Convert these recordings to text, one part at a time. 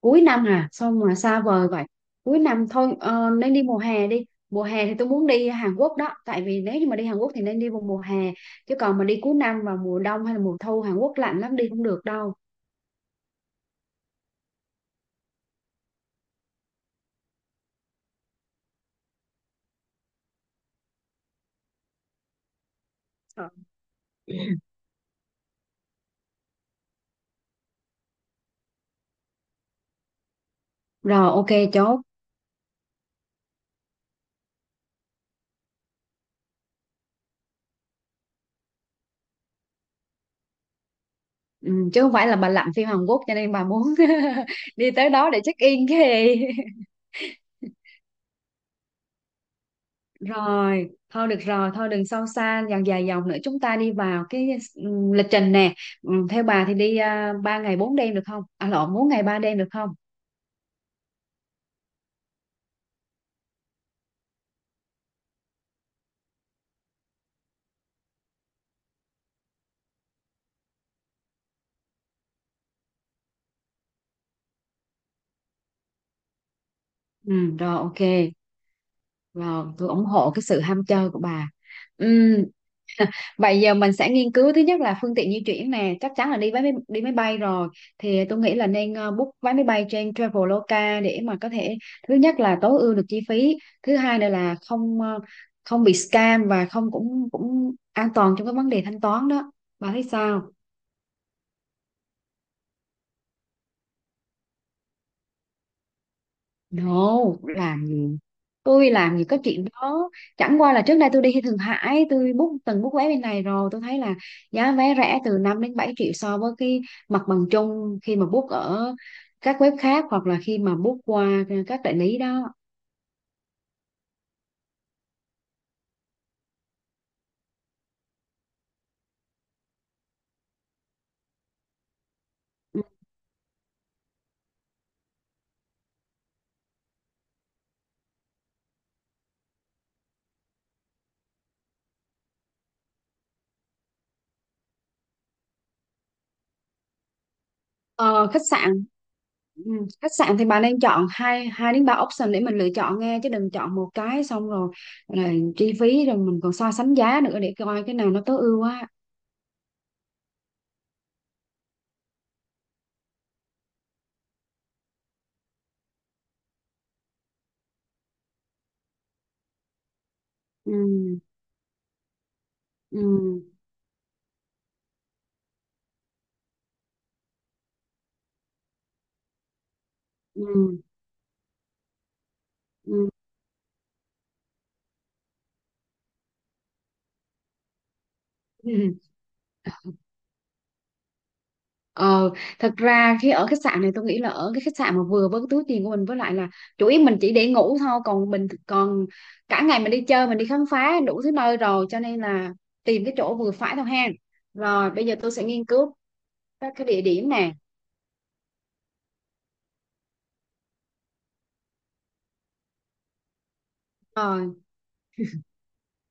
Cuối năm à? Sao mà xa vời vậy? Cuối năm thôi, nên đi mùa hè. Đi mùa hè thì tôi muốn đi Hàn Quốc đó, tại vì nếu như mà đi Hàn Quốc thì nên đi vào mùa hè, chứ còn mà đi cuối năm vào mùa đông hay là mùa thu Hàn Quốc lạnh lắm, đi không được đâu. Ờ. Rồi, ok, chốt. Ừ, chứ không phải là bà lặn phim Hàn Quốc cho nên bà muốn đi tới đó để check in cái gì? Rồi thôi được rồi, thôi đừng sâu xa dòng dài dòng nữa, chúng ta đi vào cái, ừ, lịch trình nè. Ừ, theo bà thì đi 3 ngày 4 đêm được không? À lộn, 4 ngày 3 đêm được không? Ừ, rồi, ok. Rồi, tôi ủng hộ cái sự ham chơi của bà. Ừ, vậy giờ mình sẽ nghiên cứu, thứ nhất là phương tiện di chuyển nè, chắc chắn là đi máy bay rồi. Thì tôi nghĩ là nên book vé máy bay trên Traveloka để mà có thể thứ nhất là tối ưu được chi phí, thứ hai nữa là không không bị scam, và không cũng cũng an toàn trong cái vấn đề thanh toán đó. Bà thấy sao? No, làm gì? Tôi làm gì có chuyện đó. Chẳng qua là trước đây tôi đi Thượng Hải, tôi book, book vé bên này rồi, tôi thấy là giá vé rẻ từ 5 đến 7 triệu so với cái mặt bằng chung khi mà book ở các web khác hoặc là khi mà book qua các đại lý đó. Ờ, khách sạn. Ừ, khách sạn thì bà nên chọn hai hai đến ba option để mình lựa chọn nghe, chứ đừng chọn một cái xong rồi là chi phí, rồi mình còn so sánh giá nữa để coi cái nào nó tối ưu á. Ừ, ừ, ừ. Ừ. Ờ, thật ra khi ở khách sạn này tôi nghĩ là ở cái khách sạn mà vừa với cái túi tiền của mình, với lại là chủ yếu mình chỉ để ngủ thôi, còn mình còn cả ngày mình đi chơi, mình đi khám phá đủ thứ nơi rồi, cho nên là tìm cái chỗ vừa phải thôi ha. Rồi bây giờ tôi sẽ nghiên cứu các cái địa điểm nè.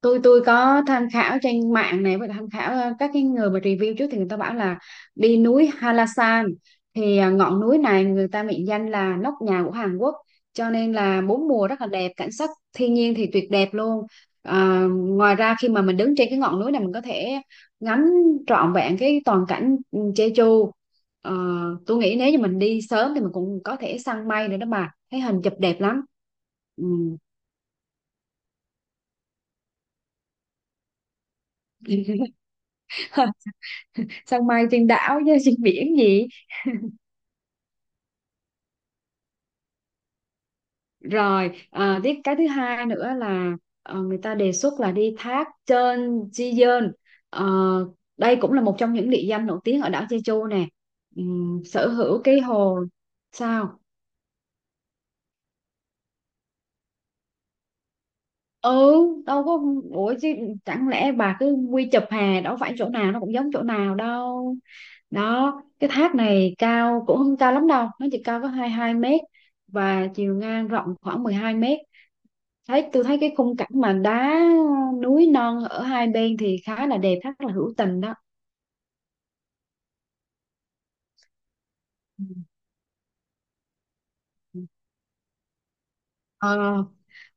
Tôi có tham khảo trên mạng này, và tham khảo các cái người mà review trước thì người ta bảo là đi núi Halasan. Thì ngọn núi này người ta mệnh danh là nóc nhà của Hàn Quốc, cho nên là bốn mùa rất là đẹp, cảnh sắc thiên nhiên thì tuyệt đẹp luôn. À, ngoài ra khi mà mình đứng trên cái ngọn núi này mình có thể ngắm trọn vẹn cái toàn cảnh, ừ, Jeju. Ờ, tôi nghĩ nếu như mình đi sớm thì mình cũng có thể săn mây nữa đó, mà thấy hình chụp đẹp lắm. Ừ. Săn mây trên đảo chứ trên biển gì. Rồi, à, tiếp cái thứ hai nữa là, người ta đề xuất là đi thác Cheon Chi yeon. Ờ, đây cũng là một trong những địa danh nổi tiếng ở đảo Jeju nè. Sở hữu cái hồ. Sao? Ừ, đâu có. Ủa chứ chẳng lẽ bà cứ quy chụp hè, đâu phải chỗ nào nó cũng giống chỗ nào đâu. Đó, cái thác này cao cũng không cao lắm đâu, nó chỉ cao có hai hai mét và chiều ngang rộng khoảng 12 mét. Tôi thấy cái khung cảnh mà đá núi non ở hai bên thì khá là đẹp, rất là hữu tình đó. Ừ. Ờ,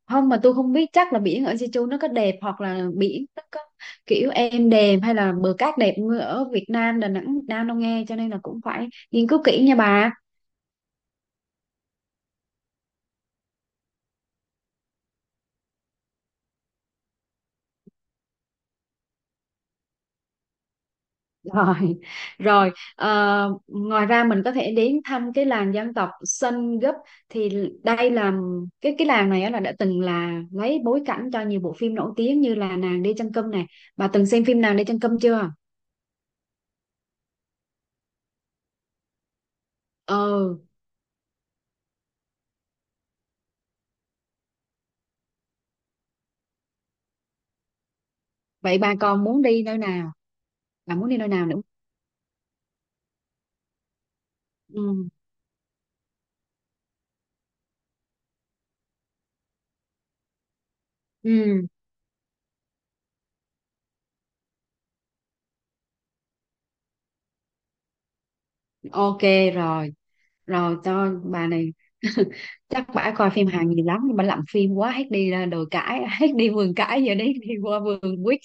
không mà tôi không biết chắc là biển ở Jeju nó có đẹp, hoặc là biển nó có kiểu êm đềm hay là bờ cát đẹp như ở Việt Nam, Đà Nẵng Việt Nam đâu nghe, cho nên là cũng phải nghiên cứu kỹ nha bà. Rồi, rồi ngoài ra mình có thể đến thăm cái làng dân tộc Sun Gấp. Thì đây là cái làng này á là đã từng là lấy bối cảnh cho nhiều bộ phim nổi tiếng như là Nàng đi chân cơm này. Bà từng xem phim Nàng đi chân cơm chưa? Ừ, vậy bà còn muốn đi nơi nào? Bà muốn đi nơi nào nữa? Ừ, ừ, ok. Rồi, rồi cho bà này. Chắc bả coi phim Hàn nhiều lắm nhưng bà làm phim quá, hết đi ra đồi cãi hết đi vườn cãi giờ đấy đi qua vườn quýt.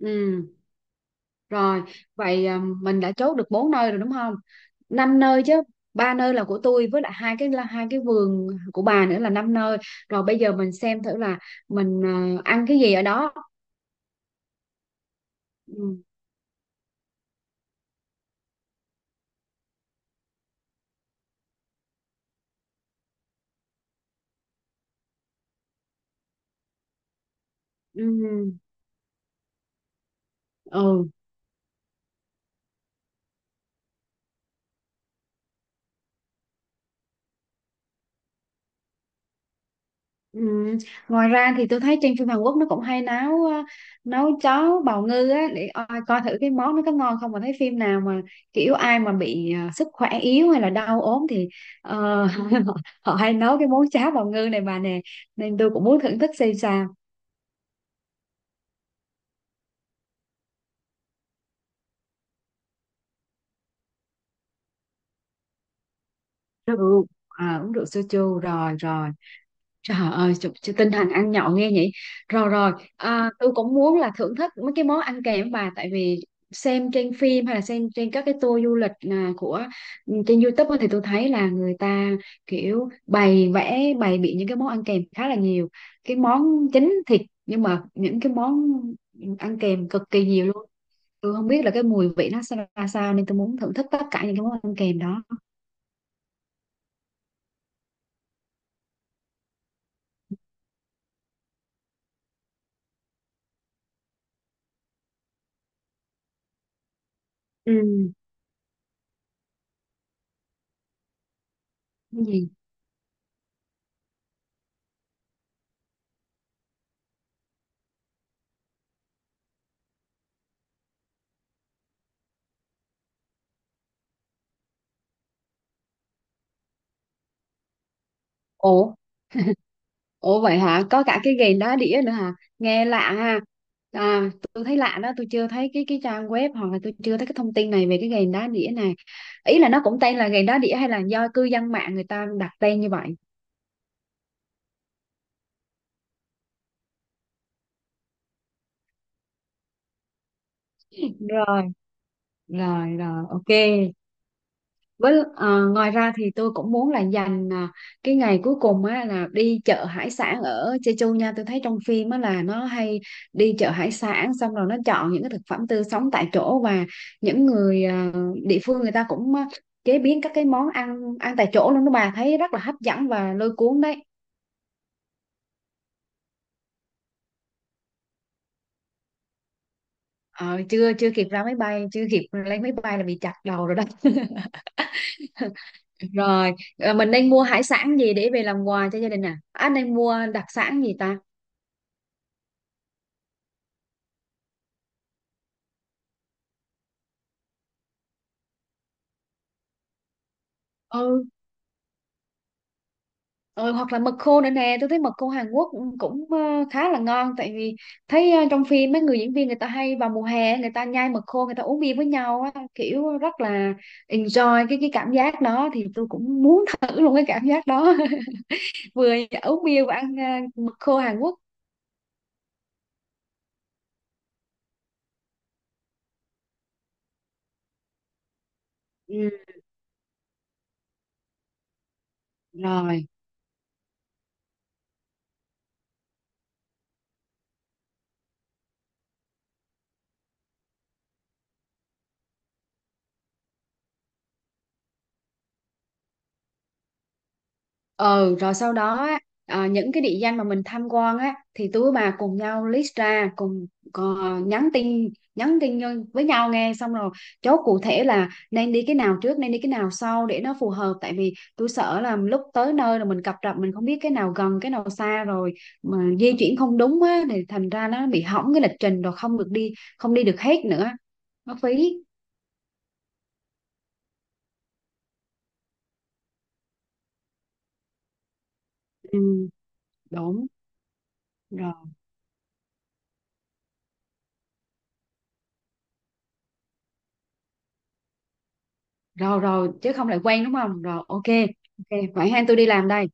Ừ, rồi. Vậy à, mình đã chốt được bốn nơi rồi đúng không? Năm nơi chứ. Ba nơi là của tôi với lại hai cái là hai cái vườn của bà nữa là năm nơi. Rồi bây giờ mình xem thử là mình, à, ăn cái gì ở đó. Ừ. Ừ, ừ. Ừ. Ngoài ra thì tôi thấy trên phim Hàn Quốc nó cũng hay nấu, nấu cháo bào ngư á, để coi, coi thử cái món nó có ngon không, mà thấy phim nào mà kiểu ai mà bị, sức khỏe yếu hay là đau ốm thì, ờ, họ, họ hay nấu cái món cháo bào ngư này bà nè, nên tôi cũng muốn thưởng thức xem sao. Rượu à, uống rượu soju rồi rồi. Trời ơi, chị tinh thần ăn nhậu nghe nhỉ. Rồi rồi, à, tôi cũng muốn là thưởng thức mấy cái món ăn kèm bà, tại vì xem trên phim hay là xem trên các cái tour du lịch, à, của, ừ, trên YouTube á, thì tôi thấy là người ta kiểu bày vẽ bày biện những cái món ăn kèm khá là nhiều. Cái món chính thịt, nhưng mà những cái món ăn kèm cực kỳ nhiều luôn. Tôi không biết là cái mùi vị nó ra sao nên tôi muốn thưởng thức tất cả những cái món ăn kèm đó. Ừ. Cái gì? Ủa. Ủa vậy hả? Có cả cái gành đá đĩa nữa hả? Nghe lạ ha. À, tôi thấy lạ đó, tôi chưa thấy cái trang web, hoặc là tôi chưa thấy cái thông tin này về cái gành đá đĩa này. Ý là nó cũng tên là gành đá đĩa hay là do cư dân mạng người ta đặt tên như vậy? Rồi, rồi, rồi, ok. Với ngoài ra thì tôi cũng muốn là dành, à, cái ngày cuối cùng á là đi chợ hải sản ở Jeju nha. Tôi thấy trong phim á là nó hay đi chợ hải sản xong rồi nó chọn những cái thực phẩm tươi sống tại chỗ, và những người, à, địa phương người ta cũng, à, chế biến các cái món ăn ăn tại chỗ luôn đó bà, thấy rất là hấp dẫn và lôi cuốn đấy. Ờ, chưa chưa kịp ra máy bay, chưa kịp lên máy bay là bị chặt đầu rồi đó. Rồi, mình nên mua hải sản gì để về làm quà cho gia đình, à anh nên mua đặc sản gì ta. Ừ. Ừ, hoặc là mực khô nữa nè, tôi thấy mực khô Hàn Quốc cũng cũng, ờ, khá là ngon, tại vì thấy, trong phim mấy người diễn viên người ta hay vào mùa hè người ta nhai mực khô, người ta uống bia với nhau á, kiểu rất là enjoy cái cảm giác đó, thì tôi cũng muốn thử luôn cái cảm giác đó. Vừa uống bia và ăn, mực khô Hàn Quốc. Ừ, rồi. Ừ rồi sau đó á, à, những cái địa danh mà mình tham quan á thì tụi bà cùng nhau list ra, cùng, ờ, nhắn tin nhắn tin với nhau nghe, xong rồi chốt cụ thể là nên đi cái nào trước, nên đi cái nào sau, để nó phù hợp, tại vì tôi sợ là lúc tới nơi rồi mình cập rập, mình không biết cái nào gần cái nào xa, rồi mà di chuyển không đúng á thì thành ra nó bị hỏng cái lịch trình, rồi không được đi, không đi được hết nữa, nó phí. Ừ, đúng rồi. Rồi rồi, chứ không lại quen đúng không? Rồi, ok. Ok, vậy hai tôi đi làm đây.